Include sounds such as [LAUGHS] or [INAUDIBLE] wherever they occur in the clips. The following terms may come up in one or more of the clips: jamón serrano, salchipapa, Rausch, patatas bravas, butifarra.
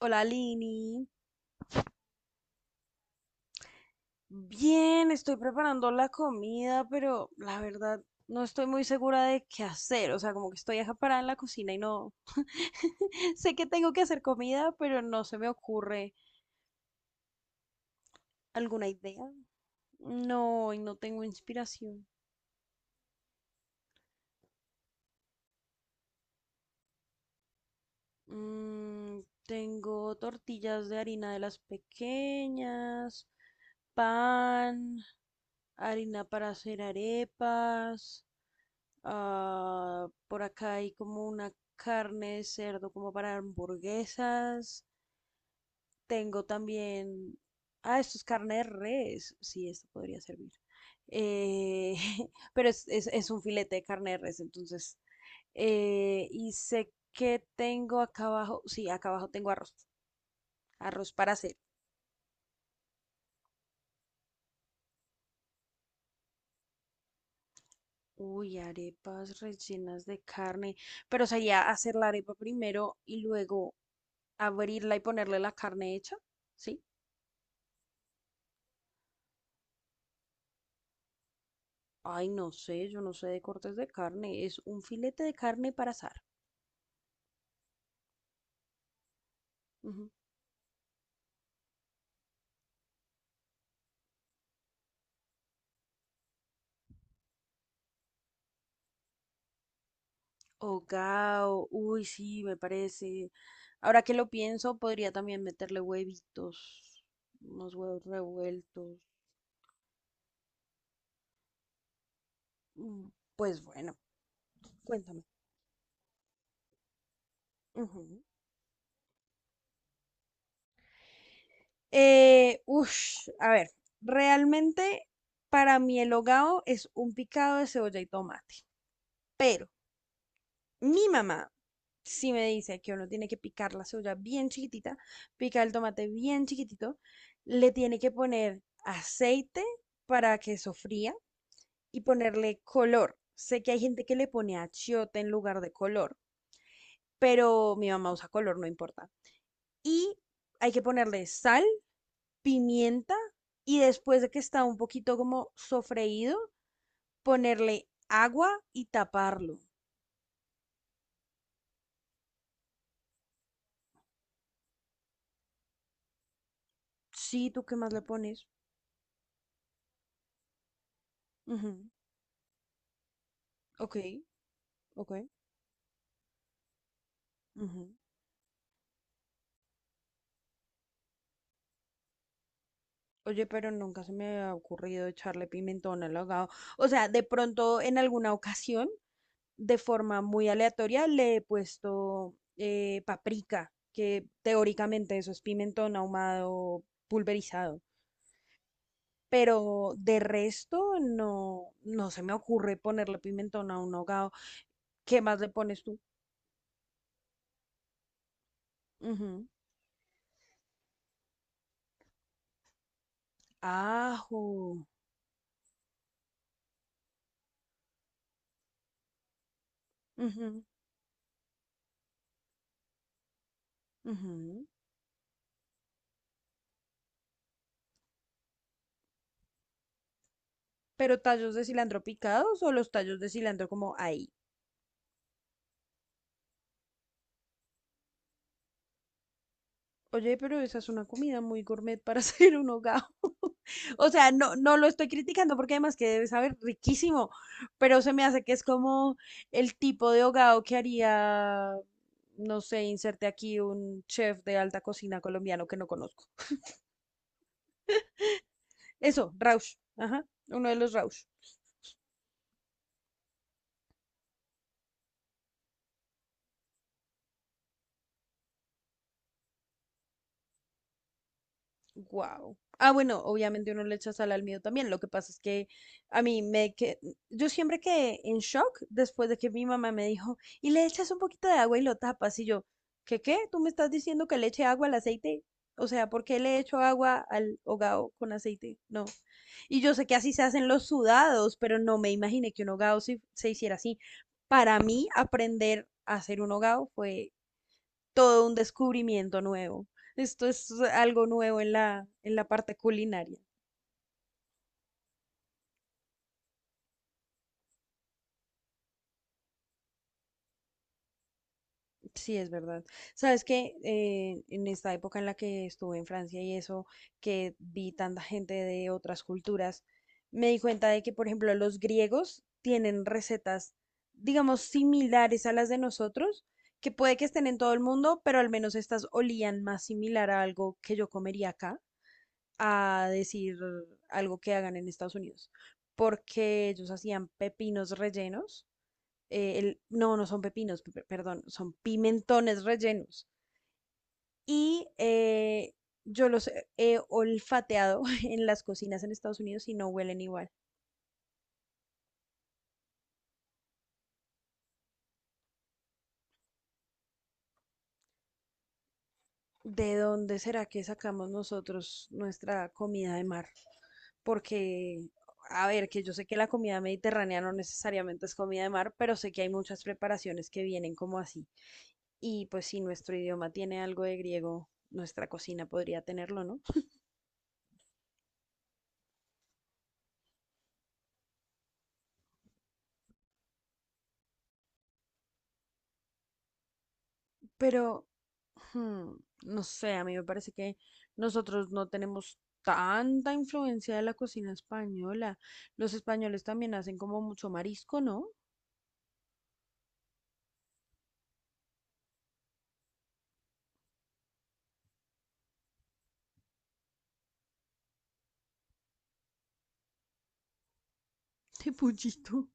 Hola, Lini. Bien, estoy preparando la comida, pero la verdad no estoy muy segura de qué hacer. O sea, como que estoy acaparada en la cocina y no [LAUGHS] sé que tengo que hacer comida, pero no se me ocurre alguna idea. No, y no tengo inspiración. Mm, Tengo tortillas de harina de las pequeñas, pan, harina para hacer arepas. Ah, por acá hay como una carne de cerdo como para hamburguesas. Tengo también. Ah, esto es carne de res. Sí, esto podría servir. Eh, [LAUGHS] pero es un filete de carne de res, entonces. Y sé que tengo acá abajo. Sí, acá abajo tengo arroz. Arroz para hacer. Uy, arepas rellenas de carne. Pero sería hacer la arepa primero y luego abrirla y ponerle la carne hecha. ¿Sí? Ay, no sé, yo no sé de cortes de carne. Es un filete de carne para asar. Ujú. Hogao, uy, sí, me parece. Ahora que lo pienso, podría también meterle huevitos, unos huevos revueltos. Mm, Pues bueno, cuéntame. Ujú. A ver, realmente para mí el hogao es un picado de cebolla y tomate. Pero mi mamá sí me dice que uno tiene que picar la cebolla bien chiquitita, picar el tomate bien chiquitito, le tiene que poner aceite para que sofría y ponerle color. Sé que hay gente que le pone achiote en lugar de color, pero mi mamá usa color, no importa. Y hay que ponerle sal, pimienta y después de que está un poquito como sofreído, ponerle agua y taparlo. Sí, ¿tú qué más le pones? Ujú. Ok, ok. Ujú. Oye, pero nunca se me ha ocurrido echarle pimentón al ahogado. O sea, de pronto en alguna ocasión, de forma muy aleatoria, le he puesto paprika, que teóricamente eso es pimentón ahumado pulverizado. Pero de resto, no, no se me ocurre ponerle pimentón a un ahogado. ¿Qué más le pones tú? Ujú. Ajo. Ujú, ujú. ¿Pero tallos de cilantro picados o los tallos de cilantro como ahí? Oye, pero esa es una comida muy gourmet para [LAUGHS] hacer un hogao. [LAUGHS] O sea, no, no lo estoy criticando porque además que debe saber riquísimo, pero se me hace que es como el tipo de hogao que haría, no sé, inserte aquí un chef de alta cocina colombiano que no conozco. Eso, Rausch, ajá, uno de los Rausch. Wow. Ah, bueno, obviamente uno le echa sal al miedo también. Lo que pasa es que a mí me que yo siempre quedé en shock después de que mi mamá me dijo, "Y le echas un poquito de agua y lo tapas." Y yo, "¿Qué qué? ¿Tú me estás diciendo que le eche agua al aceite?" O sea, ¿por qué le echo agua al hogao con aceite? No. Y yo sé que así se hacen los sudados, pero no me imaginé que un hogao se hiciera así. Para mí, aprender a hacer un hogao fue todo un descubrimiento nuevo. Esto es algo nuevo en la parte culinaria. Sí, es verdad. Sabes que en esta época en la que estuve en Francia y eso, que vi tanta gente de otras culturas, me di cuenta de que, por ejemplo, los griegos tienen recetas, digamos, similares a las de nosotros, que puede que estén en todo el mundo, pero al menos estas olían más similar a algo que yo comería acá. A decir algo que hagan en Estados Unidos, porque ellos hacían pepinos rellenos, no, no son pepinos, perdón, son pimentones rellenos. Y yo los he olfateado [LAUGHS] en las cocinas en Estados Unidos y no huelen igual. ¿De dónde será que sacamos nosotros nuestra comida de mar? Porque, a ver, que yo sé que la comida mediterránea no necesariamente es comida de mar, pero sé que hay muchas preparaciones que vienen como así. Y pues si nuestro idioma tiene algo de griego, nuestra cocina podría tenerlo, ¿no? Pero, hmm, no sé, a mí me parece que nosotros no tenemos tanta influencia de la cocina española. Los españoles también hacen como mucho marisco, ¿no? [LAUGHS] De pollito.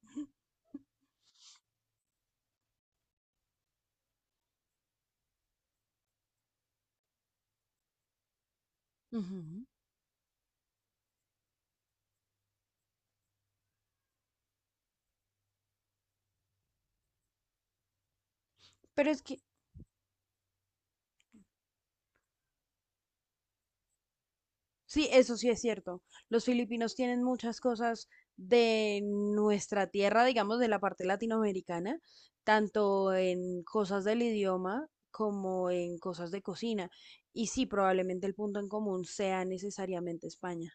Ujú. Pero es que sí, eso sí es cierto. Los filipinos tienen muchas cosas de nuestra tierra, digamos, de la parte latinoamericana, tanto en cosas del idioma como en cosas de cocina. Y sí, probablemente el punto en común sea necesariamente España.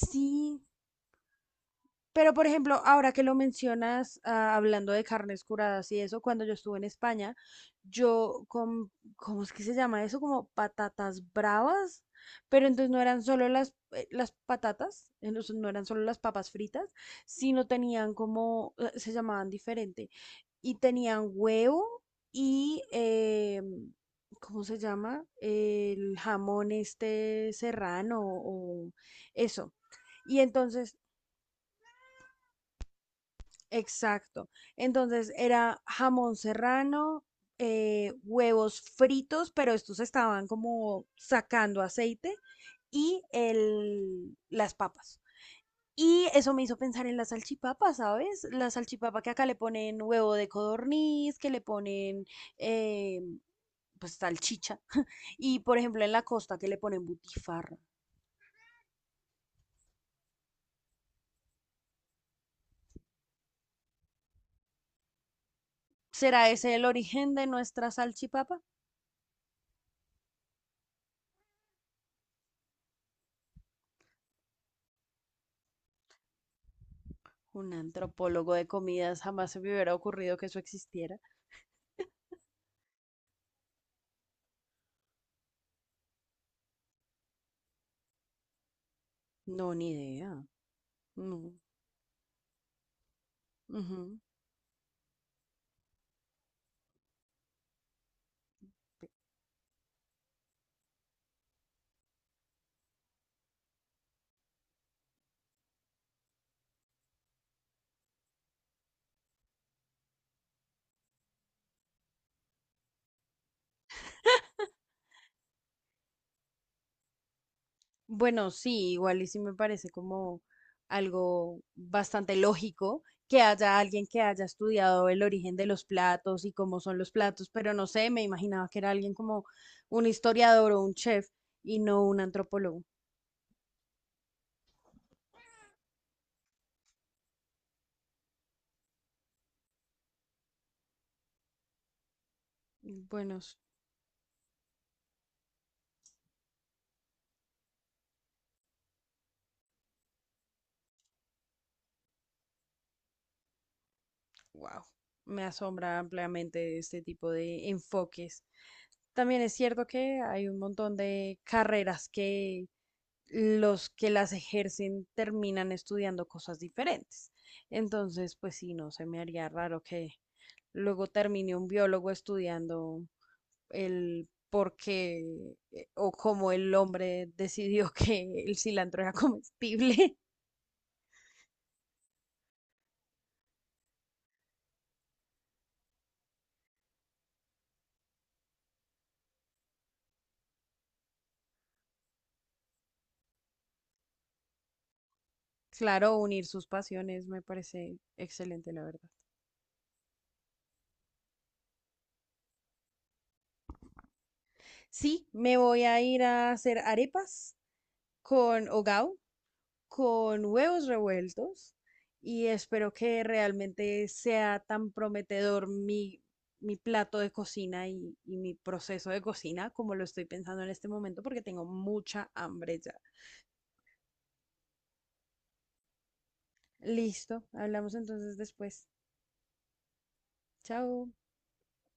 Sí. Pero, por ejemplo, ahora que lo mencionas, ah, hablando de carnes curadas y eso, cuando yo estuve en España, yo con, ¿cómo es que se llama eso? Como patatas bravas, pero entonces no eran solo las patatas, entonces no eran solo las papas fritas, sino tenían como, se llamaban diferente, y tenían huevo y ¿cómo se llama? El jamón este serrano o eso. Y entonces, exacto. Entonces era jamón serrano, huevos fritos, pero estos estaban como sacando aceite y las papas. Y eso me hizo pensar en la salchipapa, ¿sabes? La salchipapa que acá le ponen huevo de codorniz, que le ponen eh, pues salchicha. Y por ejemplo en la costa que le ponen butifarra. ¿Será ese el origen de nuestra salchipapa? Un antropólogo de comidas jamás se me hubiera ocurrido que eso existiera. No, ni idea. No. Ujú. Bueno, sí, igual y sí me parece como algo bastante lógico que haya alguien que haya estudiado el origen de los platos y cómo son los platos, pero no sé, me imaginaba que era alguien como un historiador o un chef y no un antropólogo. Bueno, wow, me asombra ampliamente este tipo de enfoques. También es cierto que hay un montón de carreras que los que las ejercen terminan estudiando cosas diferentes. Entonces, pues sí, no se me haría raro que luego termine un biólogo estudiando el por qué o cómo el hombre decidió [LAUGHS] que el cilantro era comestible. [LAUGHS] Claro, unir sus pasiones me parece excelente, la verdad. Sí, me voy a ir a hacer arepas con hogao, con huevos revueltos y espero que realmente sea tan prometedor mi plato de cocina y mi proceso de cocina como lo estoy pensando en este momento porque tengo mucha hambre ya. Listo, hablamos entonces después. Chao.